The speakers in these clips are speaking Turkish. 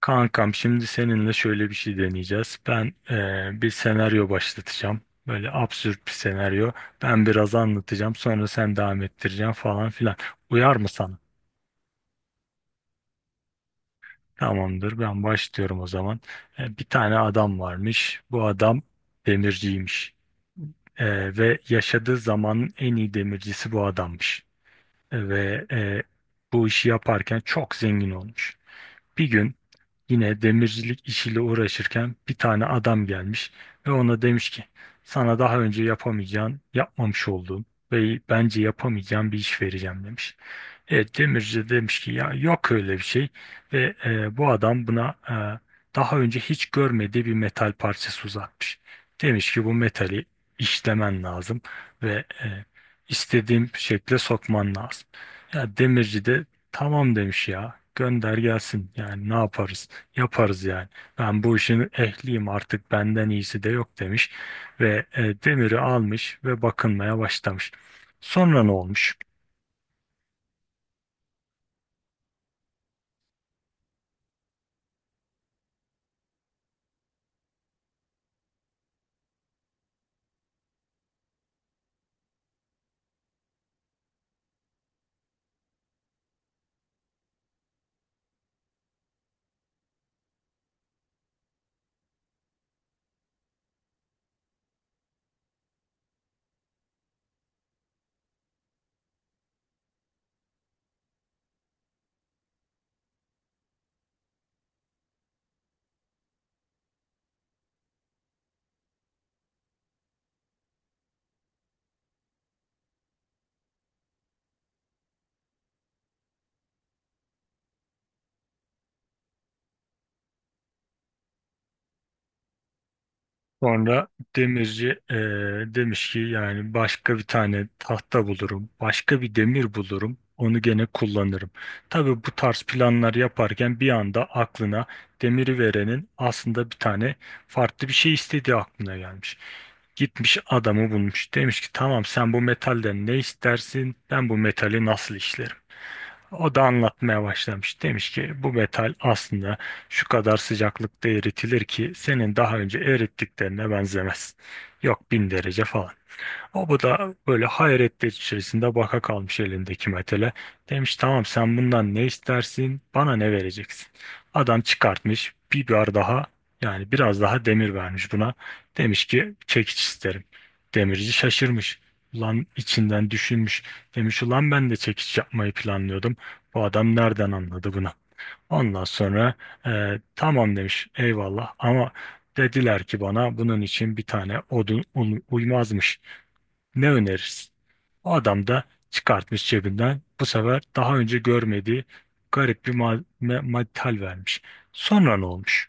Kankam şimdi seninle şöyle bir şey deneyeceğiz. Ben bir senaryo başlatacağım. Böyle absürt bir senaryo. Ben biraz anlatacağım sonra sen devam ettireceksin falan filan. Uyar mı sana? Tamamdır ben başlıyorum o zaman. Bir tane adam varmış. Bu adam demirciymiş. Ve yaşadığı zamanın en iyi demircisi bu adammış. Ve bu işi yaparken çok zengin olmuş. Bir gün yine demircilik işiyle uğraşırken bir tane adam gelmiş ve ona demiş ki sana daha önce yapamayacağın, yapmamış olduğun ve bence yapamayacağın bir iş vereceğim demiş. Evet, demirci de demiş ki ya yok öyle bir şey ve bu adam buna daha önce hiç görmediği bir metal parçası uzatmış. Demiş ki bu metali işlemen lazım ve e, istediğim şekle sokman lazım. Ya demirci de tamam demiş ya gönder gelsin yani ne yaparız yaparız yani ben bu işin ehliyim artık benden iyisi de yok demiş ve demiri almış ve bakınmaya başlamış. Sonra ne olmuş? Sonra demirci demiş ki yani başka bir tane tahta bulurum, başka bir demir bulurum, onu gene kullanırım. Tabii bu tarz planlar yaparken bir anda aklına demiri verenin aslında bir tane farklı bir şey istediği aklına gelmiş. Gitmiş adamı bulmuş. Demiş ki tamam sen bu metalden ne istersin? Ben bu metali nasıl işlerim? O da anlatmaya başlamış. Demiş ki bu metal aslında şu kadar sıcaklıkta eritilir ki senin daha önce erittiklerine benzemez. Yok bin derece falan. O da böyle hayretler içerisinde baka kalmış elindeki metale. Demiş tamam sen bundan ne istersin bana ne vereceksin. Adam çıkartmış bir biber daha yani biraz daha demir vermiş buna. Demiş ki çekiç isterim. Demirci şaşırmış. Ulan içinden düşünmüş. Demiş ulan ben de çekiç yapmayı planlıyordum. Bu adam nereden anladı bunu? Ondan sonra "E, tamam demiş eyvallah ama dediler ki bana bunun için bir tane uymazmış. Ne önerirsin? O adam da çıkartmış cebinden bu sefer daha önce görmediği garip bir metal vermiş. Sonra ne olmuş?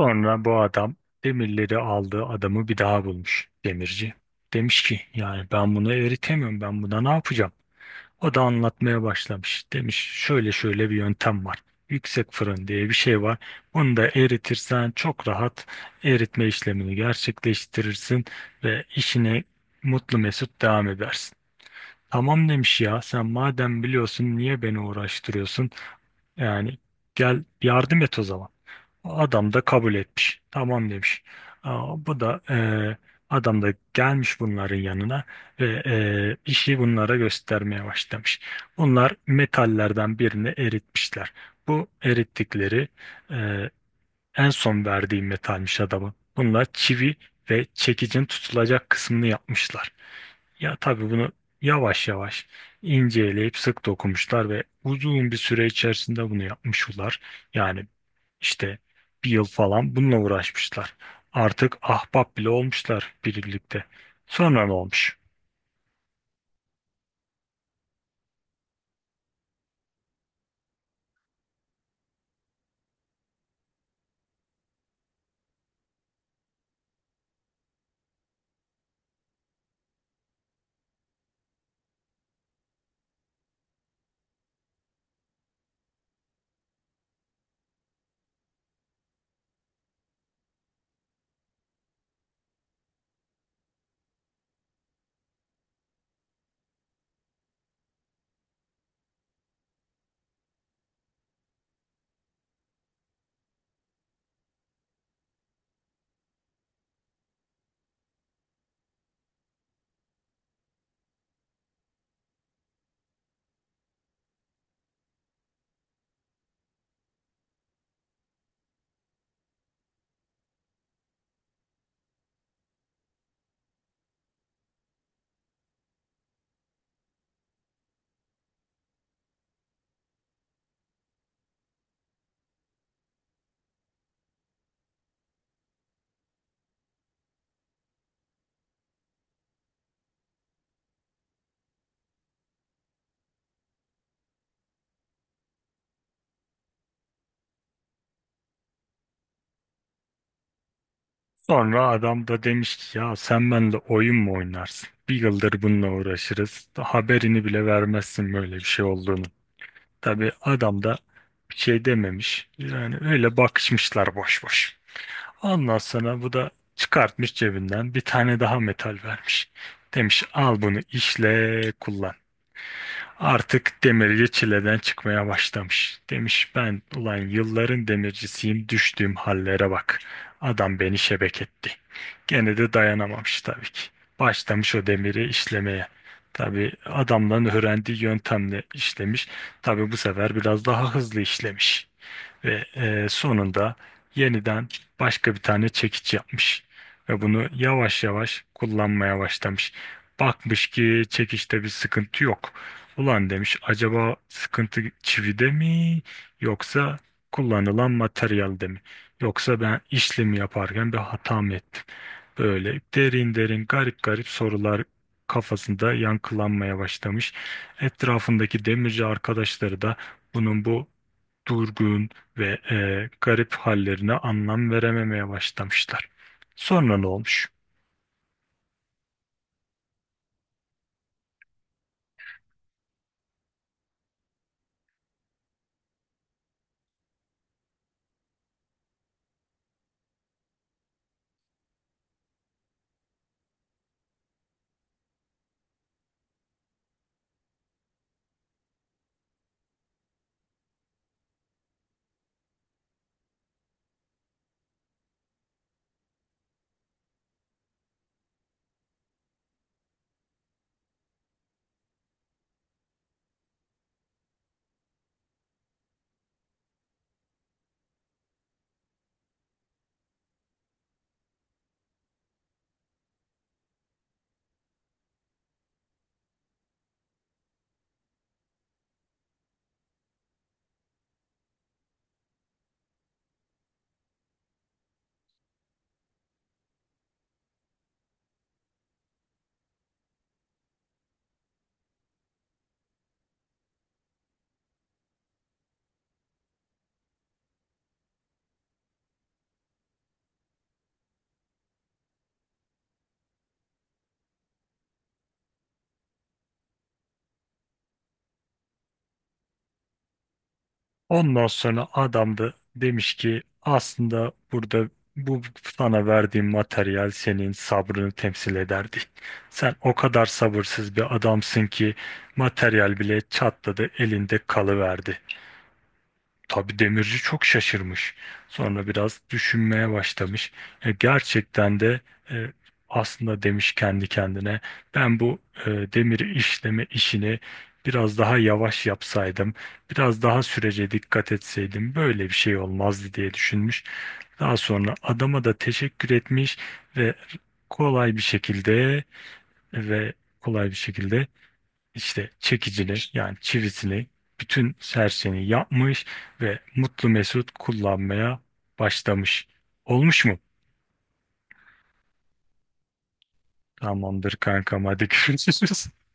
Sonra bu adam demirleri aldığı adamı bir daha bulmuş demirci. Demiş ki yani ben bunu eritemiyorum ben buna ne yapacağım? O da anlatmaya başlamış. Demiş şöyle şöyle bir yöntem var. Yüksek fırın diye bir şey var. Bunu da eritirsen çok rahat eritme işlemini gerçekleştirirsin ve işine mutlu mesut devam edersin. Tamam demiş ya sen madem biliyorsun niye beni uğraştırıyorsun? Yani gel yardım et o zaman. Adam da kabul etmiş. Tamam demiş. Bu da adam da gelmiş bunların yanına ve işi bunlara göstermeye başlamış. Bunlar metallerden birini eritmişler. Bu erittikleri e, en son verdiği metalmiş adamın. Bunlar çivi ve çekicin tutulacak kısmını yapmışlar. Ya tabii bunu yavaş yavaş inceleyip sık dokunmuşlar ve uzun bir süre içerisinde bunu yapmışlar. Yani işte bir yıl falan bununla uğraşmışlar. Artık ahbap bile olmuşlar birlikte. Sonra ne olmuş? Sonra adam da demiş ki ya sen benimle oyun mu oynarsın? Bir yıldır bununla uğraşırız. Haberini bile vermezsin böyle bir şey olduğunu. Tabii adam da bir şey dememiş. Yani öyle bakışmışlar boş boş. Ondan sonra bu da çıkartmış cebinden bir tane daha metal vermiş. Demiş al bunu işle kullan. Artık demirci çileden çıkmaya başlamış. Demiş ben ulan yılların demircisiyim düştüğüm hallere bak. Adam beni şebek etti. Gene de dayanamamış tabii ki. Başlamış o demiri işlemeye. Tabii adamların öğrendiği yöntemle işlemiş. Tabii bu sefer biraz daha hızlı işlemiş ve sonunda yeniden başka bir tane çekiç yapmış ve bunu yavaş yavaş kullanmaya başlamış. Bakmış ki çekiçte bir sıkıntı yok. Ulan demiş acaba sıkıntı çivide mi yoksa kullanılan materyalde mi? Yoksa ben işlemi yaparken bir hata mı ettim? Böyle derin derin garip garip sorular kafasında yankılanmaya başlamış. Etrafındaki demirci arkadaşları da bunun bu durgun ve garip hallerine anlam verememeye başlamışlar. Sonra ne olmuş? Ondan sonra adam da demiş ki aslında burada bu sana verdiğim materyal senin sabrını temsil ederdi. Sen o kadar sabırsız bir adamsın ki materyal bile çatladı elinde kalıverdi. Tabii demirci çok şaşırmış. Sonra biraz düşünmeye başlamış. Gerçekten de e, aslında demiş kendi kendine ben bu demir işleme işini biraz daha yavaş yapsaydım, biraz daha sürece dikkat etseydim böyle bir şey olmazdı diye düşünmüş. Daha sonra adama da teşekkür etmiş ve kolay bir şekilde ve kolay bir şekilde işte çekicili yani çivisini bütün serseni yapmış ve mutlu mesut kullanmaya başlamış. Olmuş mu? Tamamdır kankam hadi görüşürüz.